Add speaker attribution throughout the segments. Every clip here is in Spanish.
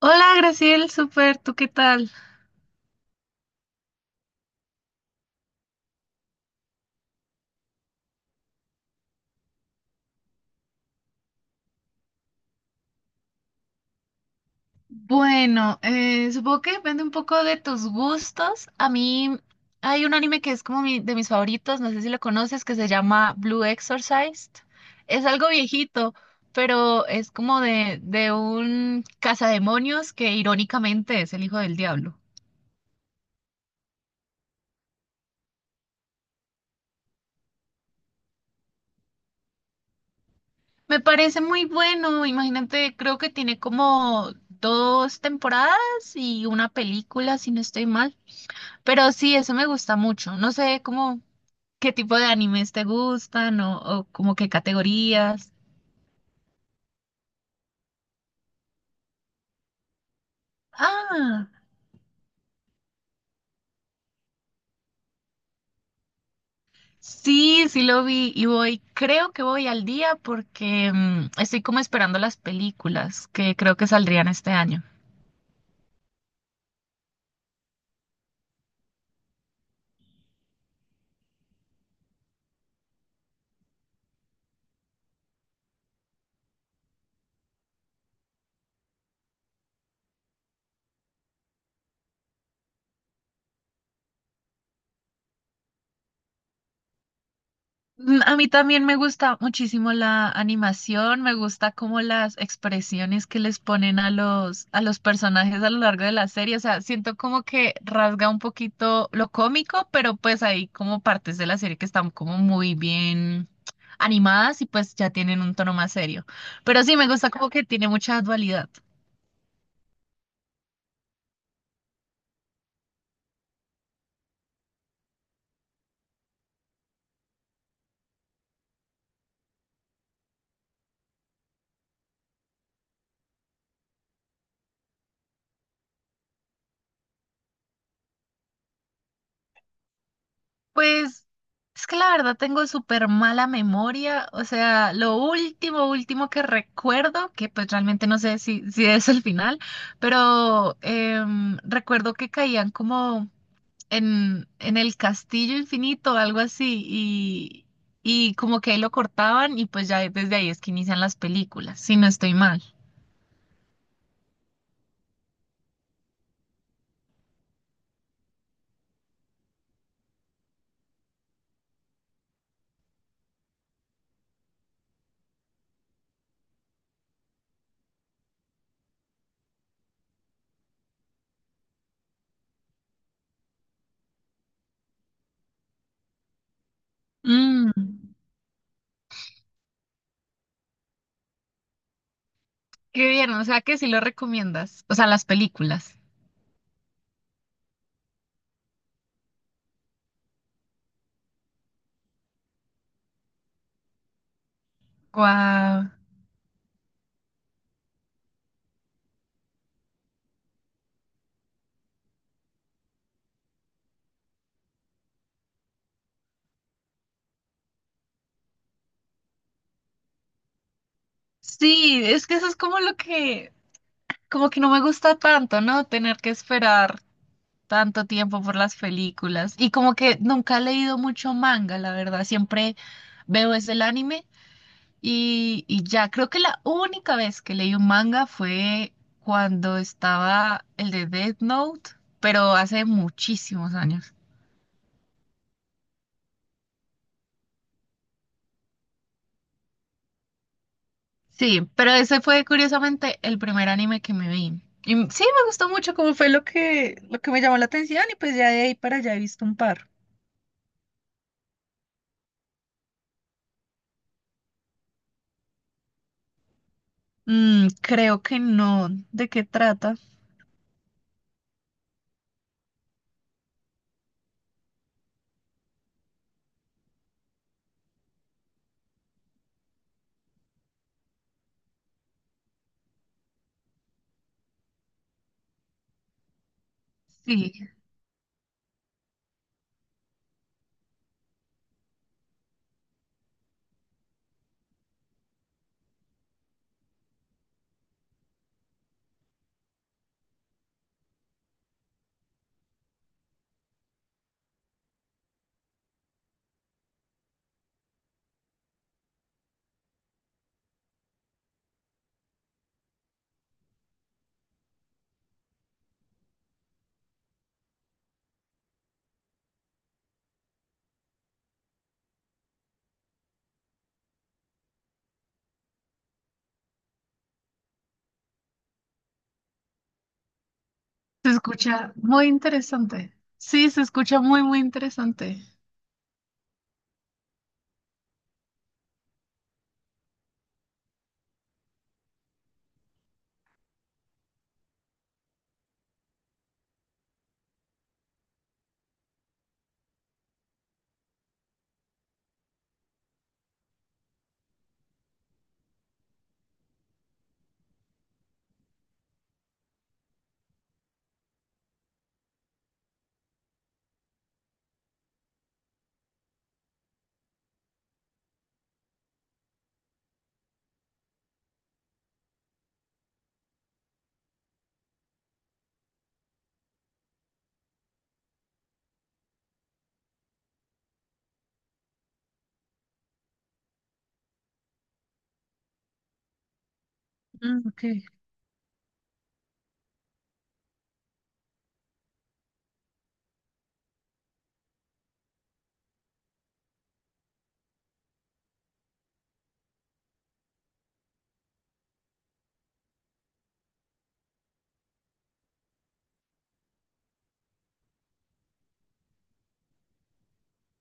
Speaker 1: Hola, Graciel, súper, ¿tú qué tal? Bueno, supongo que depende un poco de tus gustos. A mí hay un anime que es como de mis favoritos, no sé si lo conoces, que se llama Blue Exorcist. Es algo viejito, pero es como de un cazademonios que irónicamente es el hijo del diablo. Me parece muy bueno, imagínate, creo que tiene como dos temporadas y una película, si no estoy mal. Pero sí, eso me gusta mucho. No sé cómo. ¿Qué tipo de animes te gustan o como qué categorías? Ah, sí, sí lo vi y voy, creo que voy al día porque estoy como esperando las películas que creo que saldrían este año. Mm, a mí también me gusta muchísimo la animación, me gusta como las expresiones que les ponen a los personajes a lo largo de la serie, o sea, siento como que rasga un poquito lo cómico, pero pues hay como partes de la serie que están como muy bien animadas y pues ya tienen un tono más serio. Pero sí, me gusta como que tiene mucha dualidad. Pues es que la verdad tengo súper mala memoria, o sea, lo último que recuerdo, que pues realmente no sé si es el final, pero recuerdo que caían como en el castillo infinito, algo así, y como que ahí lo cortaban y pues ya desde ahí es que inician las películas, si no estoy mal. Mm, qué bien, o sea que sí lo recomiendas, o sea, las películas. Guau. Sí, es que eso es como lo que como que no me gusta tanto, ¿no? Tener que esperar tanto tiempo por las películas. Y como que nunca he leído mucho manga, la verdad. Siempre veo es el anime y ya creo que la única vez que leí un manga fue cuando estaba el de Death Note, pero hace muchísimos años. Sí, pero ese fue curiosamente el primer anime que me vi. Y sí, me gustó mucho como fue lo que me llamó la atención y pues ya de ahí para allá he visto un par. Mm, creo que no. ¿De qué trata? Sí, se escucha muy interesante. Sí, se escucha muy interesante. Mm, ok.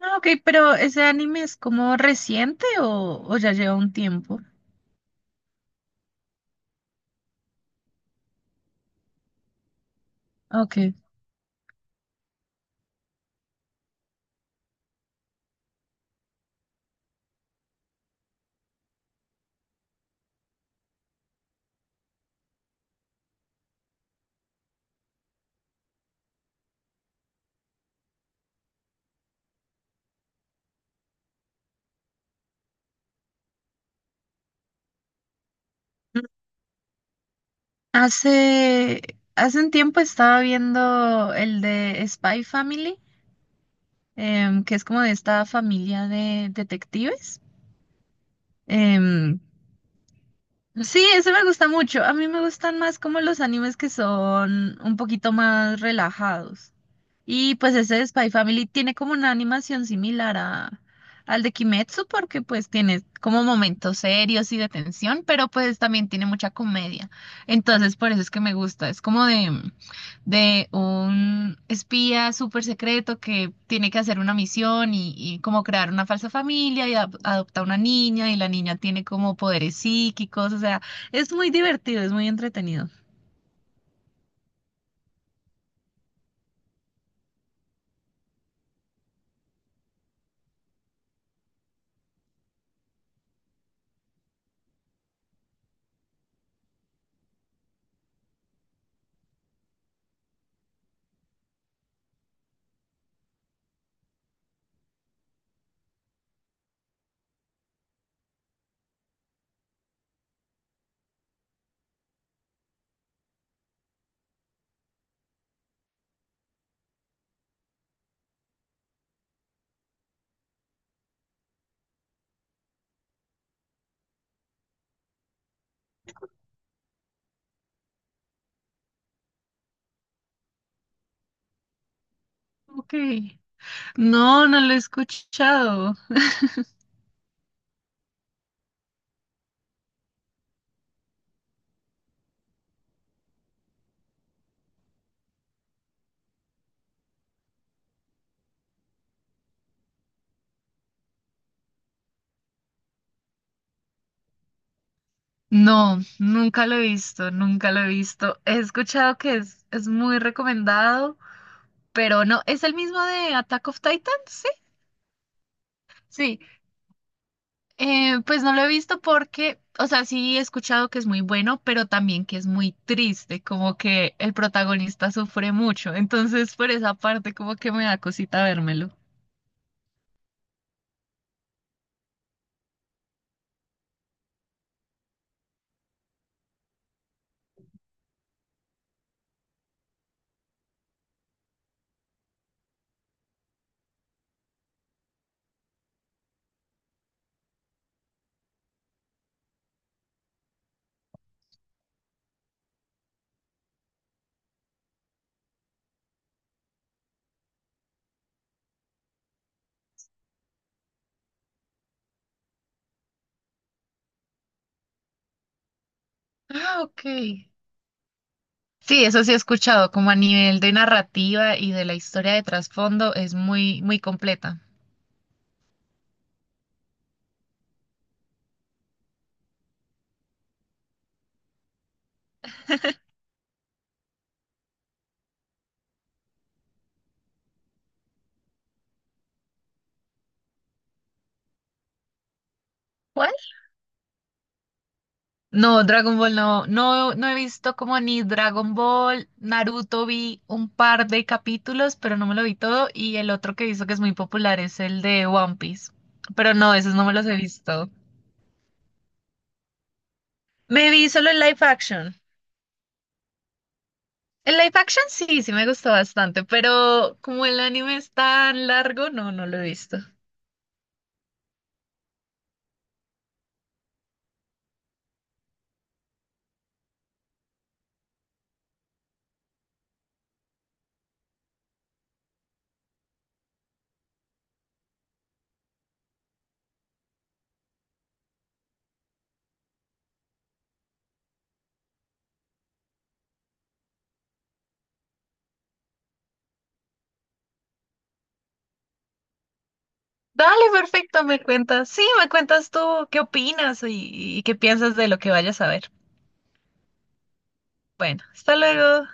Speaker 1: Ah, ok, pero ¿ese anime es como reciente o ya lleva un tiempo? Ok. Mm, Hace, hace un tiempo estaba viendo el de Spy Family, que es como de esta familia de detectives. Em, Sí, eso me gusta mucho. A mí me gustan más como los animes que son un poquito más relajados. Y pues ese Spy Family tiene como una animación similar a, al de Kimetsu porque pues tiene como momentos serios y de tensión, pero pues también tiene mucha comedia. Entonces por eso es que me gusta. Es como de un espía súper secreto que tiene que hacer una misión y como crear una falsa familia y adopta una niña y la niña tiene como poderes psíquicos. O sea, es muy divertido, es muy entretenido. Ok. No, no lo he escuchado. No, nunca lo he visto, nunca lo he visto. He escuchado que es muy recomendado, pero no, es el mismo de Attack of Titan, sí, sí. Pues no lo he visto porque, o sea, sí he escuchado que es muy bueno, pero también que es muy triste, como que el protagonista sufre mucho. Entonces, por esa parte, como que me da cosita vérmelo. Ah, ok. Sí, eso sí he escuchado, como a nivel de narrativa y de la historia de trasfondo, es muy completa. No, Dragon Ball no, no, no he visto como ni Dragon Ball, Naruto vi un par de capítulos, pero no me lo vi todo, y el otro que he visto que es muy popular es el de One Piece, pero no, esos no me los he visto. Me vi solo el live action. El live action sí, sí me gustó bastante, pero como el anime es tan largo, no, no lo he visto. Dale, perfecto, me cuentas. Sí, me cuentas tú qué opinas y qué piensas de lo que vayas a ver. Bueno, hasta luego.